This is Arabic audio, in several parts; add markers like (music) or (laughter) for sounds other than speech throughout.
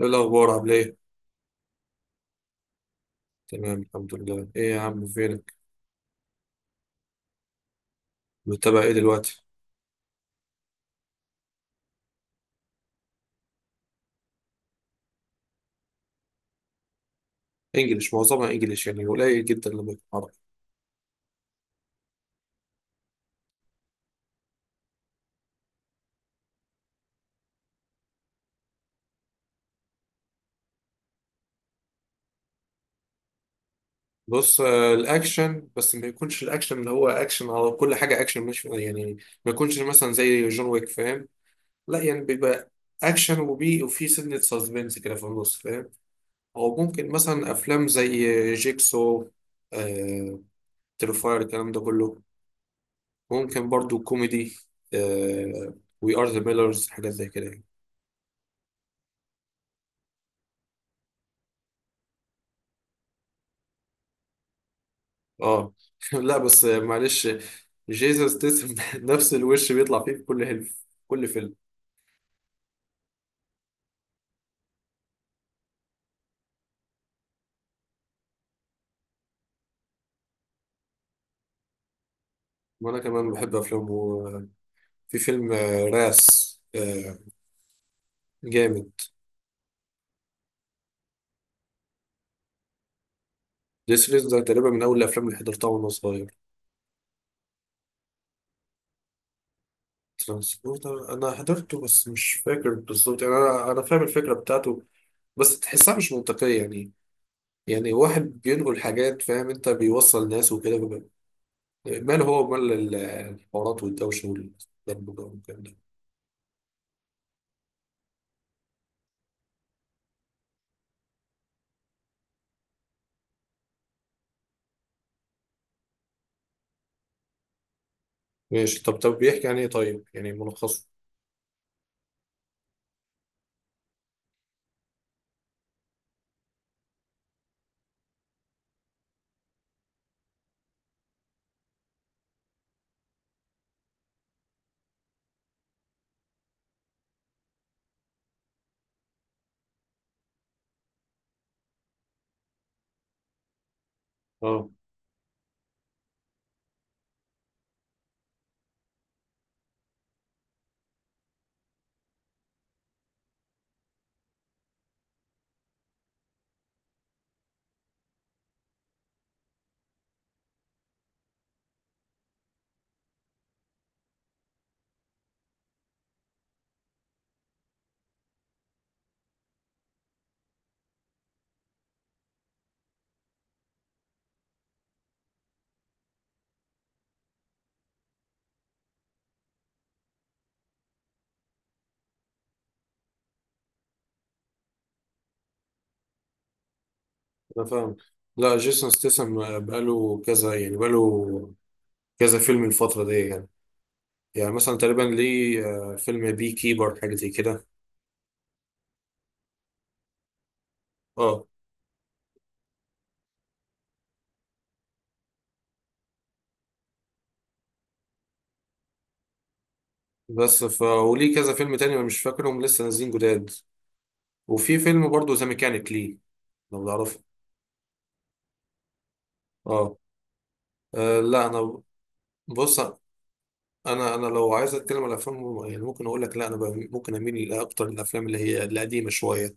ايه الاخبار؟ عامل ايه؟ تمام الحمد لله. ايه يا عم، فينك؟ متابع ايه دلوقتي؟ انجليش، معظمها انجليش، قليل جدا لما يكون عربي. بص، الاكشن، بس ما يكونش الاكشن اللي هو اكشن على كل حاجه اكشن، مش يعني ما يكونش مثلا زي جون ويك، فاهم؟ لا بيبقى اكشن وبي وفي سنه سسبنس كده في النص، فاهم؟ او ممكن مثلا افلام زي جيكسو، آه، تريفاير، الكلام ده كله. ممكن برضو كوميدي، آه، وي ار ذا ميلرز، حاجات زي كده. اه. (laughs) لا بس معلش، جيسوس ستيسم (laughs) نفس الوش بيطلع فيه في كل هلف كل فيلم. وانا كمان بحب افلامه. وفي فيلم راس، جامد. جيسوس ده تقريبا من اول الافلام اللي حضرتها وانا صغير. ترانسبورتر انا حضرته بس مش فاكر بالظبط، انا فاهم الفكره بتاعته بس تحسها مش منطقيه، يعني واحد بينقل حاجات، فاهم انت، بيوصل ناس وكده. ماله، هو مال الحوارات والدوشه والضرب ده والكلام ده. ماشي، طب بيحكي عن ايه طيب، يعني ملخصه. اه. انا فاهم. لا جيسون ستاثام بقاله كذا فيلم الفترة دي، يعني مثلا تقريبا ليه فيلم بي كيبر، حاجة زي كده. اه بس ف وليه كذا فيلم تاني أنا مش فاكرهم، لسه نازلين جداد. وفي فيلم برضه ذا ميكانيك، ليه، لو تعرفه. اه. لا انا. بص، انا لو عايز اتكلم على افلام، يعني ممكن اقول لك لا انا ممكن اميل اكتر للافلام اللي هي القديمة شوية.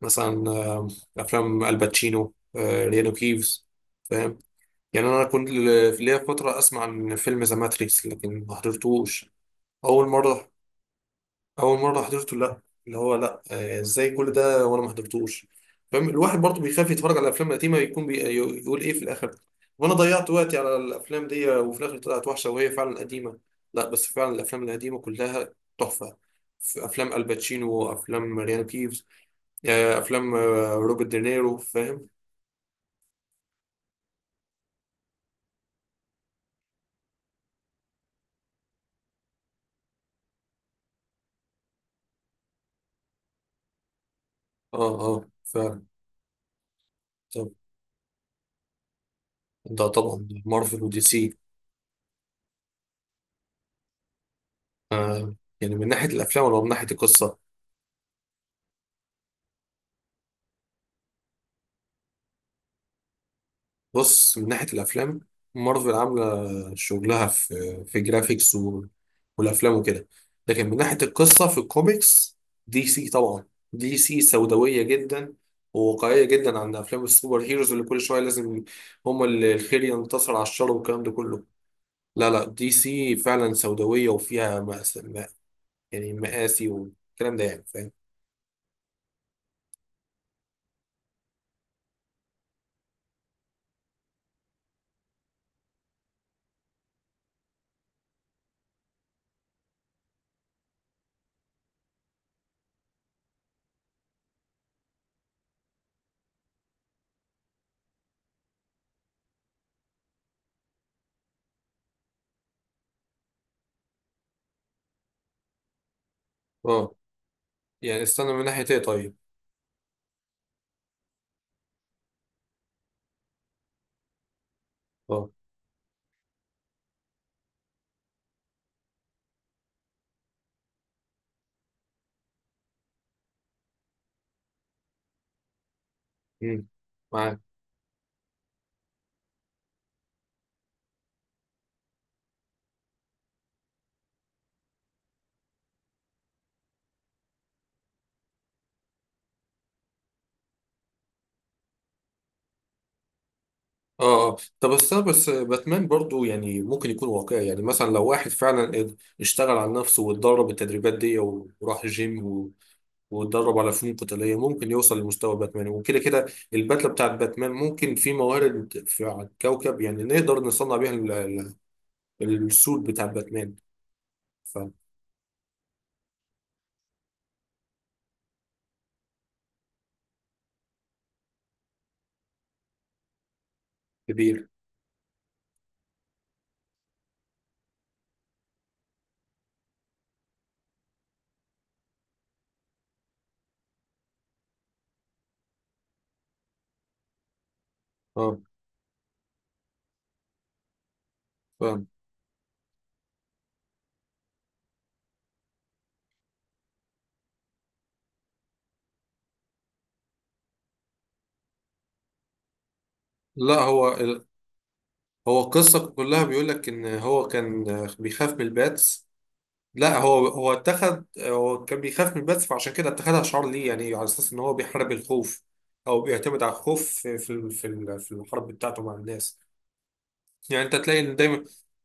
مثلا افلام الباتشينو، ريانو كيفز، فاهم؟ يعني انا كنت في ليا فتره اسمع عن فيلم ذا ماتريكس لكن ما حضرتوش. اول مره، اول مره حضرته، لا، اللي هو لا، ازاي كل ده وانا ما حضرتوش؟ فاهم، الواحد برضه بيخاف يتفرج على الافلام القديمه، يكون بي... يقول ايه في الاخر؟ وانا ضيعت وقتي على الافلام دي وفي الاخر طلعت وحشه وهي فعلا قديمه. لا بس فعلا الافلام القديمه كلها تحفه. في افلام الباتشينو وافلام ريانو كيفز، يعني افلام روبرت دينيرو، فاهم؟ اه اه فعلا. طب ده طبعا مارفل ودي سي. آه، يعني من ناحيه الافلام ولا من ناحيه القصه؟ بص، من ناحيه الافلام مارفل عامله شغلها في في جرافيكس و... والافلام وكده، لكن من ناحيه القصه في الكوميكس دي سي طبعا. دي سي سوداويه جدا وواقعيه جدا عن افلام السوبر هيروز اللي كل شويه لازم هما اللي الخير ينتصر على الشر والكلام ده كله. لا لا، دي سي فعلا سوداوية وفيها، يعني مقاسي والكلام ده، يعني فاهم. اه استنى، من ناحية ايه طيب؟ اه. مم. معاك. اه اه، طب استنى بس باتمان برضو يعني ممكن يكون واقعي، يعني مثلا لو واحد فعلا اشتغل على نفسه واتدرب التدريبات دي وراح جيم و- واتدرب على فنون قتالية، ممكن يوصل لمستوى باتمان. وكده كده البدلة بتاعت باتمان ممكن في موارد في على الكوكب يعني نقدر نصنع بيها السود بتاع باتمان. فكبير. اه فاهم. لا هو، هو القصة كلها بيقول لك إن هو كان بيخاف من الباتس. لا هو، هو اتخذ، هو كان بيخاف من الباتس فعشان كده اتخذها شعار ليه، يعني على أساس إن هو بيحارب الخوف، أو بيعتمد على الخوف في في الحرب بتاعته مع الناس. يعني أنت تلاقي إن دايما،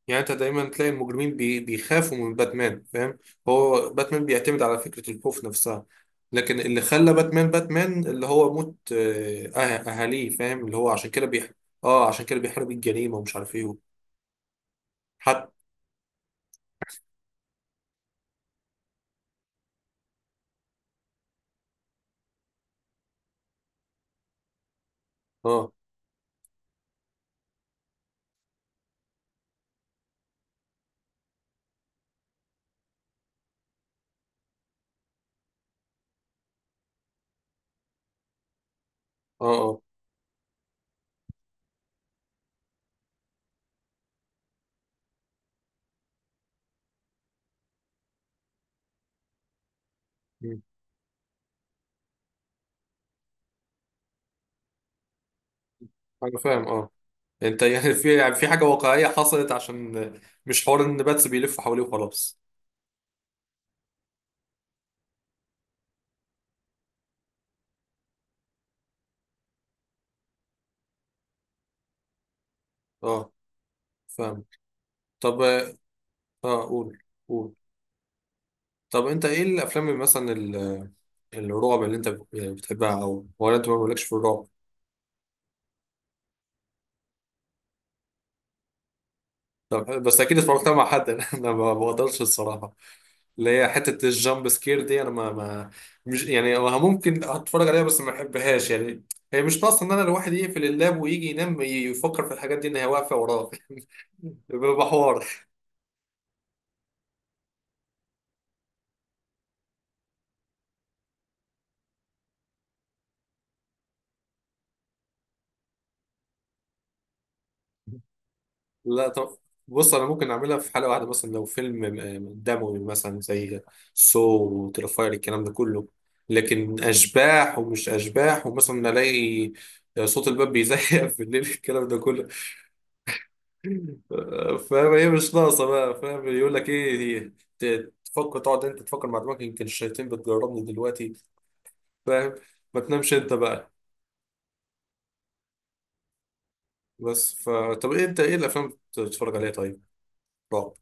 يعني أنت دايما تلاقي المجرمين بيخافوا من باتمان، فاهم؟ هو باتمان بيعتمد على فكرة الخوف نفسها. لكن اللي خلى باتمان باتمان اللي هو موت أهاليه، فاهم، اللي هو عشان كده اه عشان كده بيحارب الجريمة ومش عارف إيه. حتى. اه اه اه. مم. انا فاهم اه. انت (laughs) يعني في حاجه واقعيه حصلت، عشان مش حوار ان باتس بيلف حواليه وخلاص. اه فاهم. طب. اه قول. قول. طب انت ايه الافلام اللي مثلا الرعب اللي انت بتحبها، او ولا انت ما بقولكش في الرعب؟ طب بس اكيد اتفرجتها مع حد. (laughs) انا ما بقدرش الصراحه. اللي هي حتة الجامب سكير دي أنا ما، مش يعني هو ممكن أتفرج عليها بس ما بحبهاش، يعني هي مش ناقصة إن أنا الواحد يقفل اللاب ويجي ينام يفكر في الحاجات دي إن هي واقفة وراه. (laughs) بيبقى حوار. لا طب، بص أنا ممكن أعملها في حلقة واحدة، مثلا لو فيلم دموي مثلا زي سو وترفاير الكلام ده كله. لكن أشباح ومش أشباح ومثلا ألاقي صوت الباب بيزيق (laughs) في الليل، الكلام ده كله. فاهم، هي مش ناقصه بقى، فاهم يقول لك ايه دي، تفكر، تقعد انت تفكر مع دماغك يمكن الشياطين بتجربني دلوقتي، فاهم؟ ما تنامش انت بقى. بس ف طب إيه، انت ايه الافلام اللي بتتفرج عليها طيب، رعب؟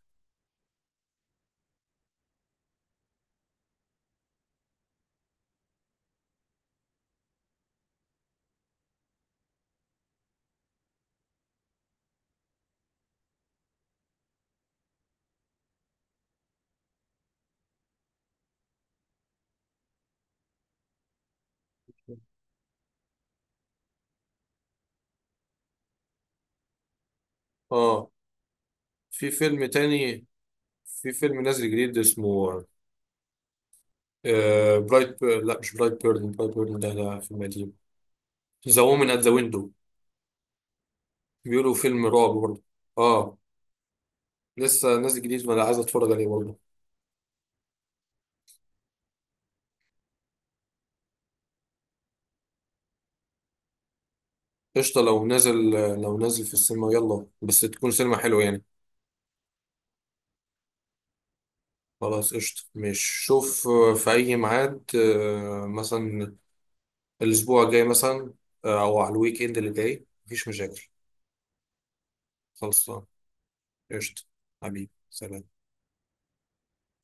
اه. في فيلم تاني، في فيلم نازل جديد اسمه برايت بير... لا مش برايت بيرن، برايت بيرن ده ده فيلم قديم. ذا وومن ات ذا ويندو، بيقولوا فيلم رعب برضه. اه. لسه نازل جديد وانا عايز اتفرج عليه برضه. قشطة لو نازل، لو نازل في السينما يلا، بس تكون سينما حلوة يعني. خلاص قشطة. مش شوف في أي ميعاد مثلا الأسبوع الجاي مثلا، أو على الويك إند اللي جاي، مفيش مشاكل. خلصان. قشطة. حبيبي سلام.